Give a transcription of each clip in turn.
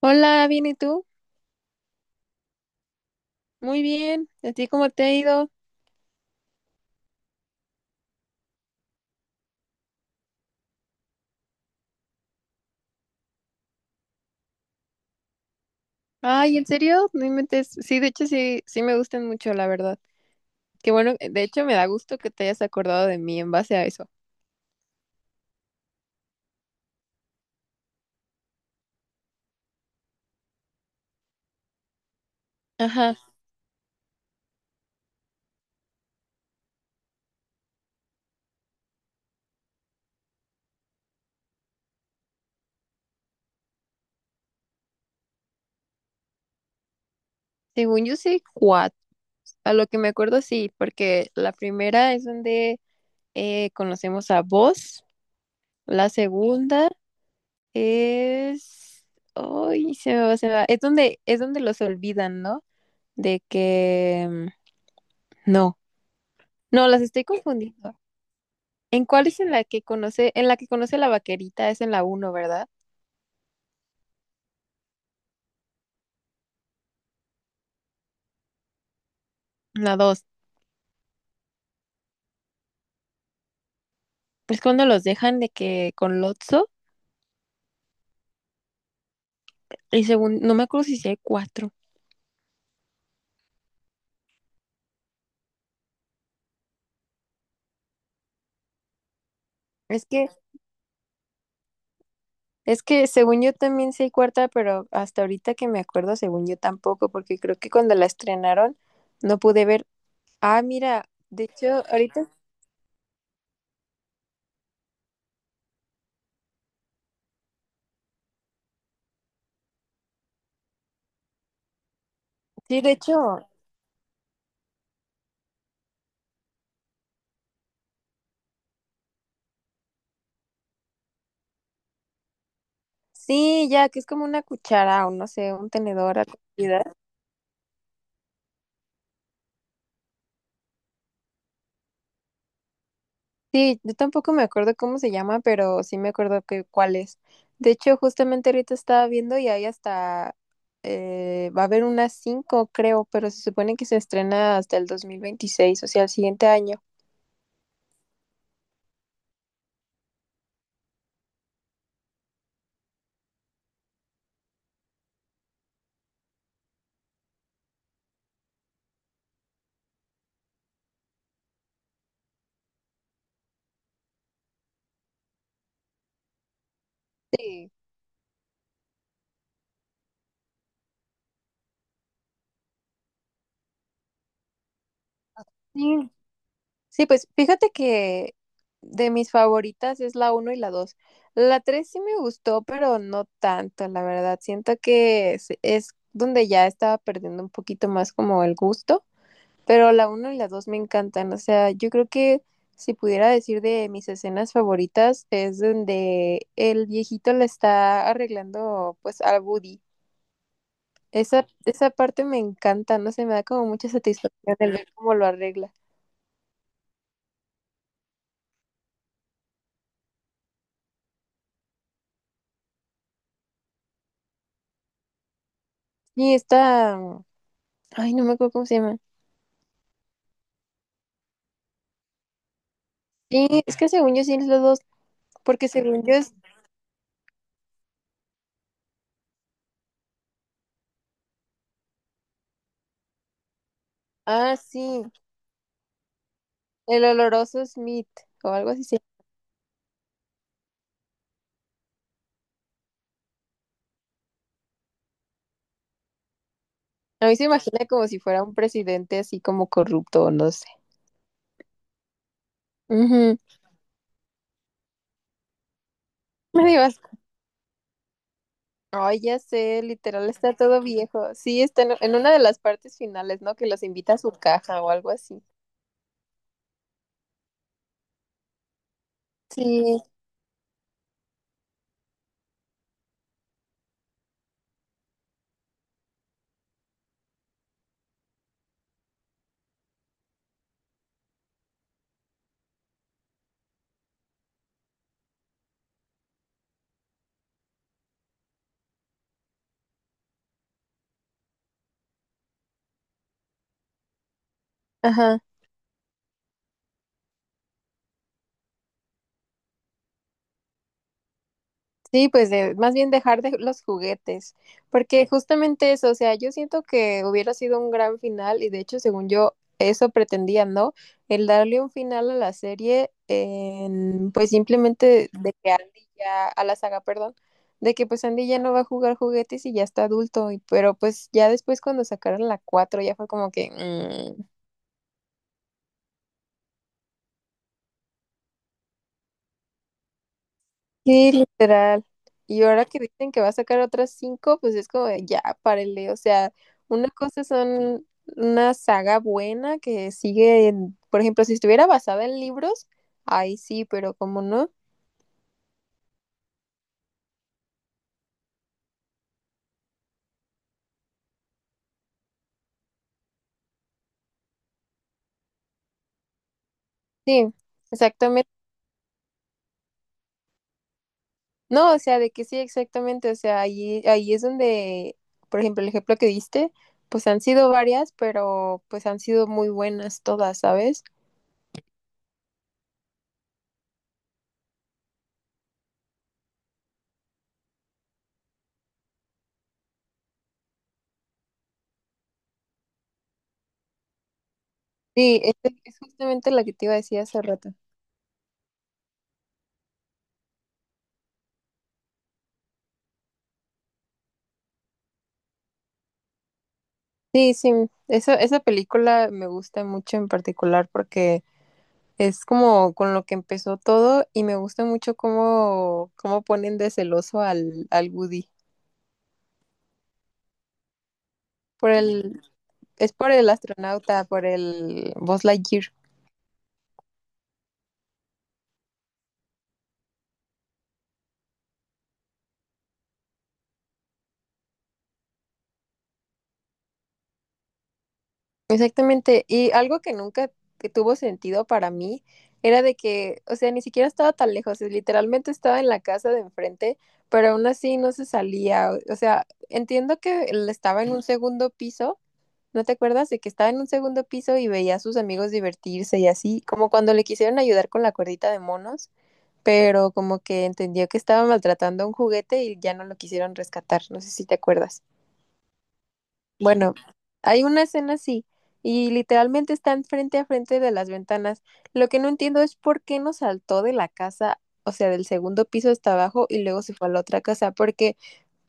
Hola, bien, ¿y tú? Muy bien. ¿A ti cómo te ha ido? Ay, ¿en serio? No inventes. Sí, de hecho sí, me gustan mucho, la verdad. Qué bueno, de hecho me da gusto que te hayas acordado de mí en base a eso. Ajá. Según yo sí, cuatro. A lo que me acuerdo sí, porque la primera es donde conocemos a vos. La segunda es... Ay, se me va, se me va. Es donde los olvidan, ¿no? De que... No, no, las estoy confundiendo. ¿En cuál es en la que conoce, en la que conoce la vaquerita? Es en la uno, ¿verdad? En la dos. Es cuando los dejan de que con Lotso, y según, no me acuerdo si sí hay cuatro. Es que, es que según yo también sí hay cuarta, pero hasta ahorita que me acuerdo, según yo tampoco, porque creo que cuando la estrenaron no pude ver. Ah, mira, de hecho, ahorita, sí, de hecho, sí, ya, que es como una cuchara o no sé, un tenedor a comida. Sí, yo tampoco me acuerdo cómo se llama, pero sí me acuerdo que cuál es. De hecho, justamente ahorita estaba viendo y ahí hasta va a haber unas cinco, creo, pero se supone que se estrena hasta el 2026, o sea, el siguiente año. Sí. Sí, sí, pues fíjate que de mis favoritas es la uno y la 2. La 3 sí me gustó, pero no tanto, la verdad. Siento que es donde ya estaba perdiendo un poquito más como el gusto. Pero la uno y la 2 me encantan. O sea, yo creo que si pudiera decir de mis escenas favoritas es donde el viejito le está arreglando pues a Woody. Esa parte me encanta, no sé, me da como mucha satisfacción el ver cómo lo arregla. Y esta, ay, no me acuerdo cómo se llama. Sí, es que según yo sí es los dos, porque según yo es, ah, sí, el oloroso Smith o algo así. Sí. A mí se imagina como si fuera un presidente así como corrupto, o no sé. Ujú. Me dio. Ay, ya sé, literal está todo viejo. Sí, está en una de las partes finales, ¿no? Que los invita a su caja o algo así. Sí, ajá. Sí, pues de, más bien dejar de los juguetes, porque justamente eso, o sea, yo siento que hubiera sido un gran final y de hecho, según yo, eso pretendían, ¿no? El darle un final a la serie, en, pues simplemente de que Andy ya, a la saga, perdón, de que pues Andy ya no va a jugar juguetes y ya está adulto, y, pero pues ya después cuando sacaron la 4 ya fue como que... "Mm". Sí, literal. Y ahora que dicen que va a sacar otras cinco, pues es como de, ya, párele. O sea, una cosa son una saga buena que sigue, en- por ejemplo, si estuviera basada en libros, ahí sí, pero como no. Sí, exactamente. No, o sea, de que sí, exactamente. O sea, ahí, ahí es donde, por ejemplo, el ejemplo que diste, pues han sido varias, pero pues han sido muy buenas todas, ¿sabes? Sí, este es justamente la que te iba a decir hace rato. Sí, sí, esa película me gusta mucho en particular porque es como con lo que empezó todo y me gusta mucho cómo, cómo ponen de celoso al, al Woody. Por el, es por el astronauta, por el Buzz Lightyear. Exactamente. Y algo que nunca que tuvo sentido para mí era de que, o sea, ni siquiera estaba tan lejos, es- literalmente estaba en la casa de enfrente, pero aún así no se salía. O sea, entiendo que él estaba en un segundo piso. ¿No te acuerdas de que estaba en un segundo piso y veía a sus amigos divertirse y así, como cuando le quisieron ayudar con la cuerdita de monos, pero como que entendió que estaba maltratando un juguete y ya no lo quisieron rescatar? No sé si te acuerdas. Bueno, hay una escena así y literalmente están frente a frente de las ventanas. Lo que no entiendo es por qué no saltó de la casa, o sea, del segundo piso hasta abajo y luego se fue a la otra casa, porque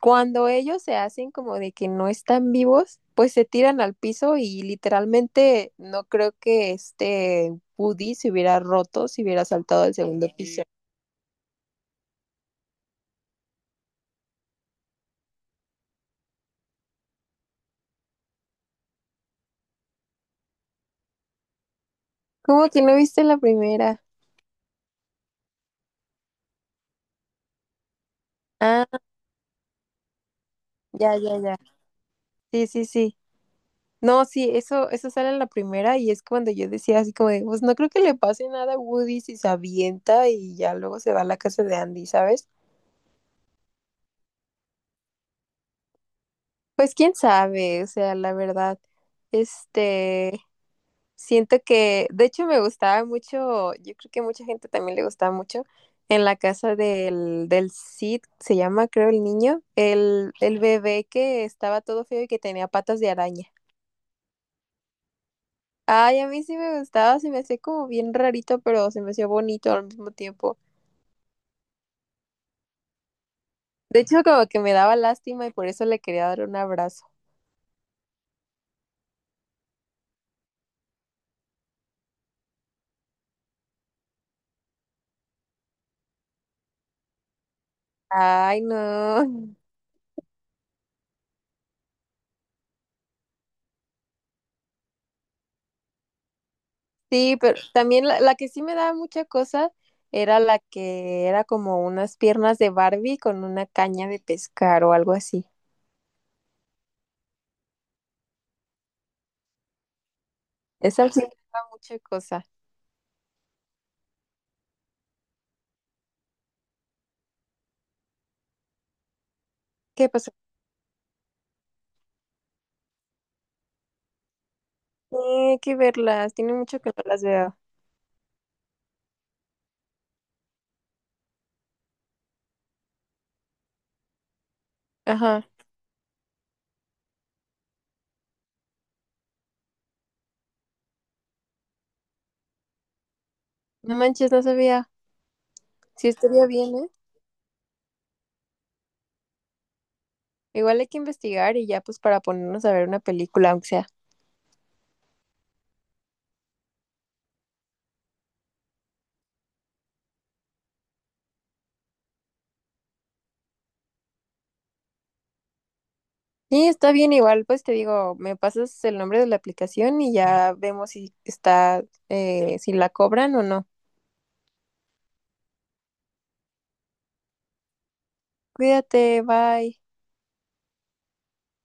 cuando ellos se hacen como de que no están vivos, pues se tiran al piso y literalmente no creo que este Woody se hubiera roto si hubiera saltado al segundo piso. ¿Cómo que no viste la primera? Ah, ya, ya, ya. Sí, sí, sí. No, sí, eso sale en la primera y es cuando yo decía así como de, pues no creo que le pase nada a Woody si se avienta y ya luego se va a la casa de Andy, ¿sabes? Pues quién sabe, o sea, la verdad, este, siento que, de hecho, me gustaba mucho, yo creo que a mucha gente también le gustaba mucho, en la casa del, del Cid, se llama, creo, el niño, el bebé que estaba todo feo y que tenía patas de araña. Ay, a mí sí me gustaba, se me hacía como bien rarito, pero se me hacía bonito al mismo tiempo. De hecho, como que me daba lástima y por eso le quería dar un abrazo. Ay, no. Sí, pero también la que sí me daba mucha cosa era la que era como unas piernas de Barbie con una caña de pescar o algo así. Esa sí me daba mucha cosa. ¿Qué pasó? Tiene que verlas, tiene mucho que no las veo. Ajá, no manches, no sabía. Sí, estaría bien, ¿eh? Igual hay que investigar y ya pues para ponernos a ver una película, aunque sea. Sí, está bien, igual pues te digo, me pasas el nombre de la aplicación y ya vemos si está, si la cobran o no. Cuídate, bye.